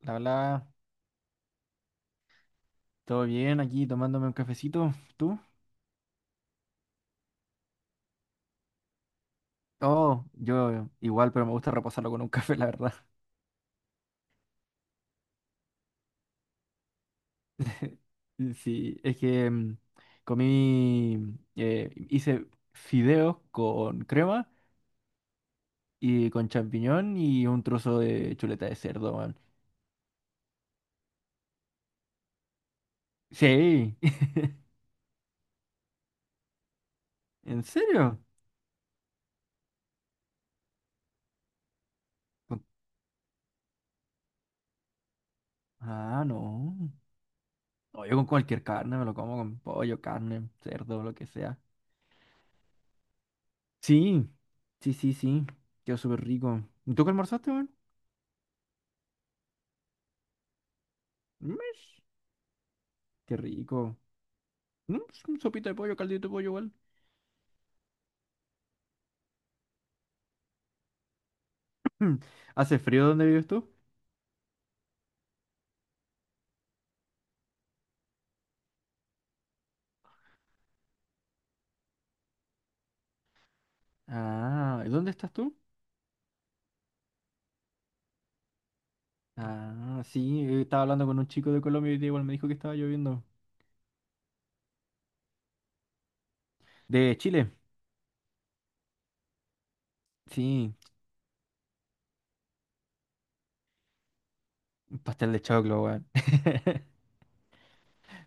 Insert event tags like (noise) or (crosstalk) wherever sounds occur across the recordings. La hola, todo bien aquí tomándome un cafecito. ¿Tú? Oh, yo igual, pero me gusta reposarlo con un (laughs) café, la verdad. (laughs) Sí, es que comí, hice fideos con crema y con champiñón y un trozo de chuleta de cerdo, man. Sí, (laughs) ¿en serio? Con- Ah, no. No, yo con cualquier carne me lo como con pollo, carne, cerdo, lo que sea. Sí, sí, sí, sí. Quedó súper rico. ¿Y tú qué almorzaste, man? Mesh, qué rico. Mm, sopita de pollo, caldito de pollo igual. (clears throat) ¿Hace frío donde vives tú? Ah, ¿dónde estás tú? Ah, sí, estaba hablando con un chico de Colombia y igual me dijo que estaba lloviendo. ¿De Chile? Sí, un pastel de choclo, weón. (laughs)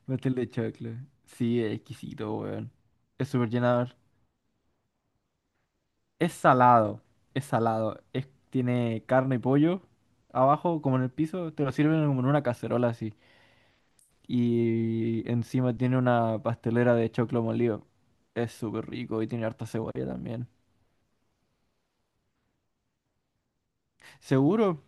Pastel de choclo. Sí, es exquisito, weón. Es súper llenador. Es salado, es salado. Es, tiene carne y pollo abajo, como en el piso. Te lo sirven como en una cacerola así. Y encima tiene una pastelera de choclo molido. Es súper rico y tiene harta cebolla también. Seguro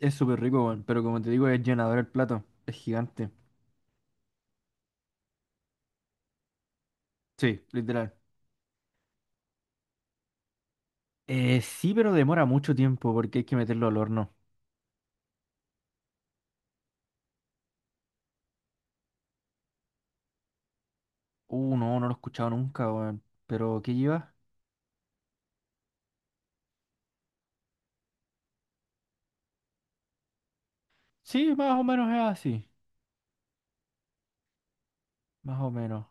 es súper rico, weón, pero como te digo, es llenador el plato. Es gigante. Sí, literal. Sí, pero demora mucho tiempo porque hay que meterlo al horno. No, no lo he escuchado nunca, weón. ¿Pero qué lleva? Sí, más o menos es así. Más o menos.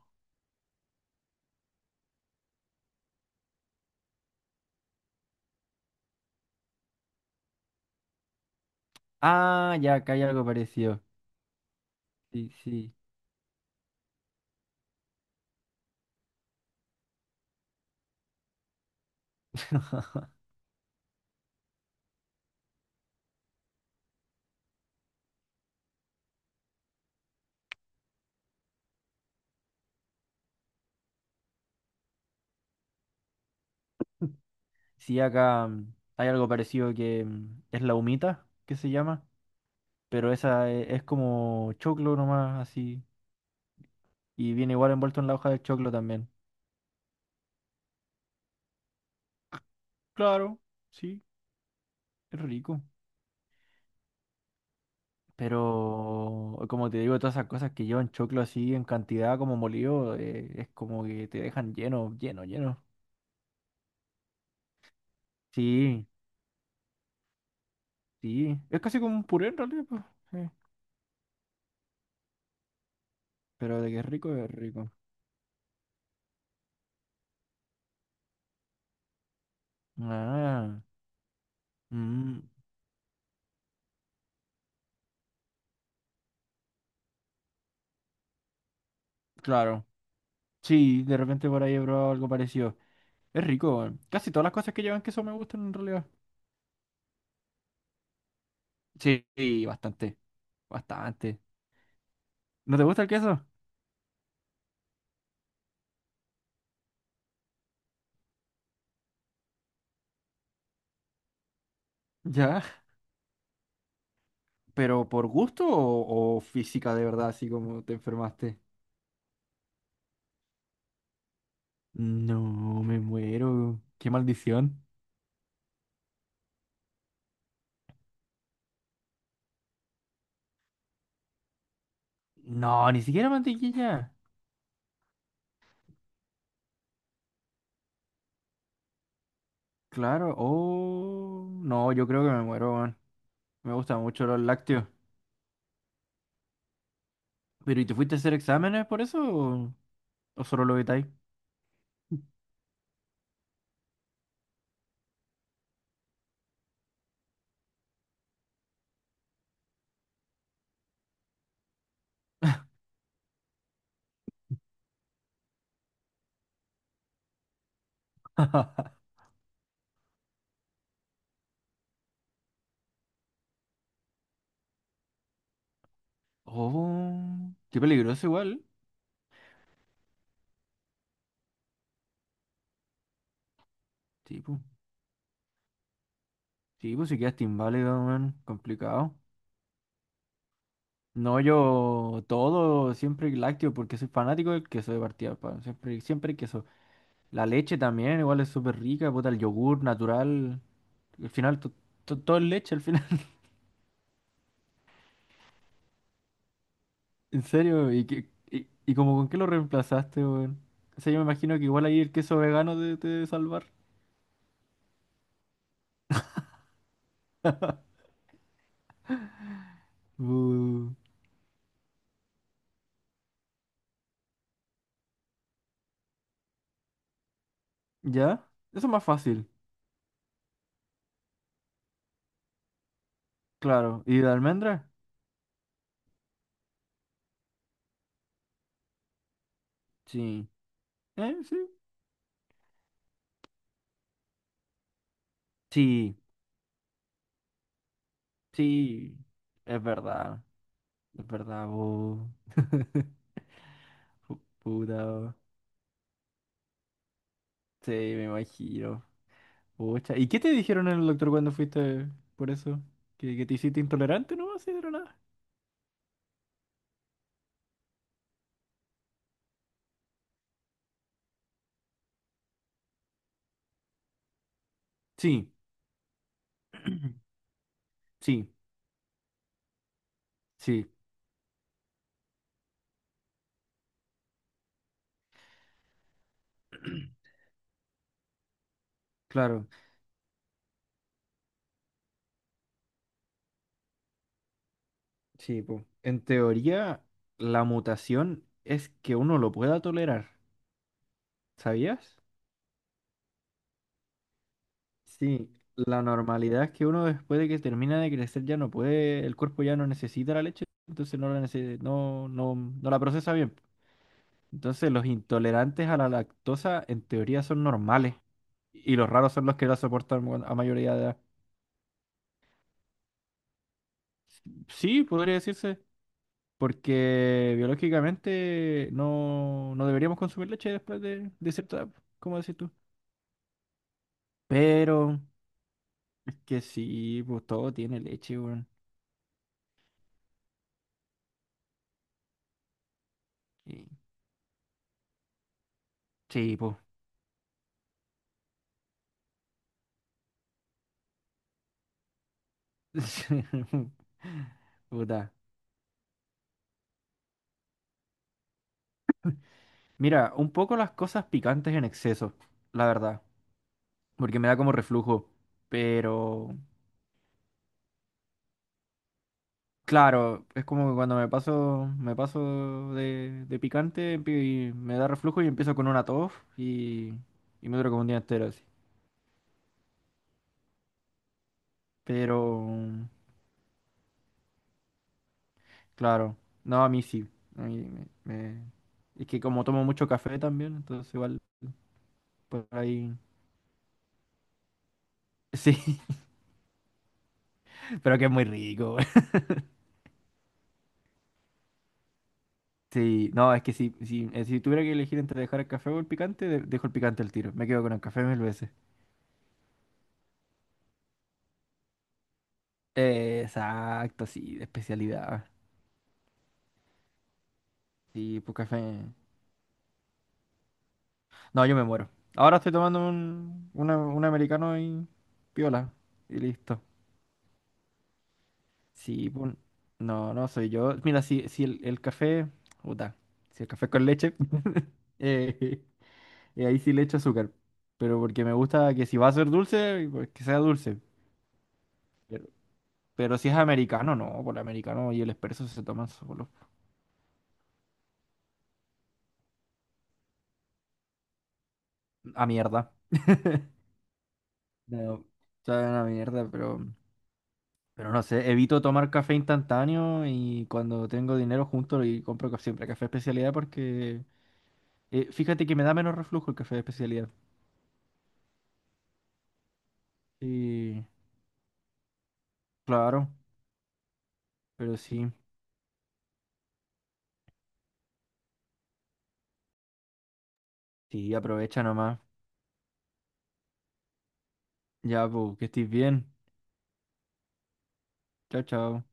Ah, ya, acá hay algo parecido. Sí, sí. (laughs) Sí, acá hay algo parecido que es la humita, que se llama. Pero esa es como choclo nomás, así. Y viene igual envuelto en la hoja de choclo también. Claro, sí, es rico. Pero como te digo, todas esas cosas que llevan choclo así en cantidad como molido, es como que te dejan lleno, lleno, lleno. Sí, sí. Es casi como un puré en realidad, pues. Sí. Pero de que es rico, es rico. Ah, mm, claro. Sí, de repente por ahí he probado algo parecido. Es rico, weón. Casi todas las cosas que llevan queso me gustan en realidad. Sí, sí, bastante. Bastante. ¿No te gusta el queso? Ya. ¿Pero por gusto o física de verdad, así como te enfermaste? No, me muero. Qué maldición. No, ni siquiera mantequilla. Claro. Oh, no, yo creo que me muero, weón. Me gustan mucho los lácteos. ¿Pero y te fuiste a hacer exámenes por eso o solo lo evitáis? (laughs) Oh, qué peligroso igual. Tipo, tipo, si quedaste inválido, weón. Complicado. No, yo todo, siempre lácteo, porque soy fanático del queso de partida, pa, siempre, siempre queso. La leche también, igual es súper rica, puta, el yogur natural. Al final, todo es leche al final. (laughs) En serio, ¿y, y como con qué lo reemplazaste, weón? O sea, yo me imagino que igual ahí el queso vegano te, te debe salvar. Uh, ¿Ya? Eso es más fácil, claro. ¿Y de almendra? Sí. ¿Eh? Sí. Sí, sí. Es verdad, es verdad, bu. (laughs) Puta. Sí, me imagino. Pucha. ¿Y qué te dijeron en el doctor cuando fuiste por eso? Que te hiciste intolerante, no? Así de la nada. Sí, (clears throat) sí, sí. (clears throat) Claro. Sí, po. En teoría, la mutación es que uno lo pueda tolerar. ¿Sabías? Sí. La normalidad es que uno después de que termina de crecer ya no puede, el cuerpo ya no necesita la leche, entonces no la no, no, no la procesa bien. Entonces, los intolerantes a la lactosa en teoría son normales y los raros son los que la soportan bueno, a mayoría de edad. Sí, podría decirse, porque biológicamente no, no deberíamos consumir leche después de cierta edad, como decís tú. Pero es que sí, pues todo tiene leche, weón. Y- sí, pues. (laughs) Puta. Mira, un poco las cosas picantes en exceso, la verdad, porque me da como reflujo, pero. Claro, es como que cuando me paso de picante y me da reflujo y empiezo con una tos y me dura como un día entero así. Pero, claro, no, a mí sí. A mí me, me- es que como tomo mucho café también, entonces igual por ahí... Sí, (laughs) pero que es muy rico. (laughs) Güey. Sí, no, es que si, si, si tuviera que elegir entre dejar el café o el picante, dejo el picante al tiro. Me quedo con el café mil veces. Exacto, sí, de especialidad. Sí, pues café. No, yo me muero. Ahora estoy tomando un americano y piola. Y listo. Sí, no, no soy yo. Mira, si, si el, el café. Puta. Si el café con leche. (laughs) eh, ahí sí le echo azúcar. Pero porque me gusta que si va a ser dulce, pues que sea dulce. Pero, pero si es americano, no. Por el americano y el expreso se toman solo. A mierda. No, saben a mierda, pero. Pero no sé, evito tomar café instantáneo y cuando tengo dinero junto y compro ca- siempre café de especialidad porque fíjate que me da menos reflujo el café de especialidad. Sí, claro, pero sí, sí, aprovecha nomás. Ya, pues, que estés bien. Chao, chao.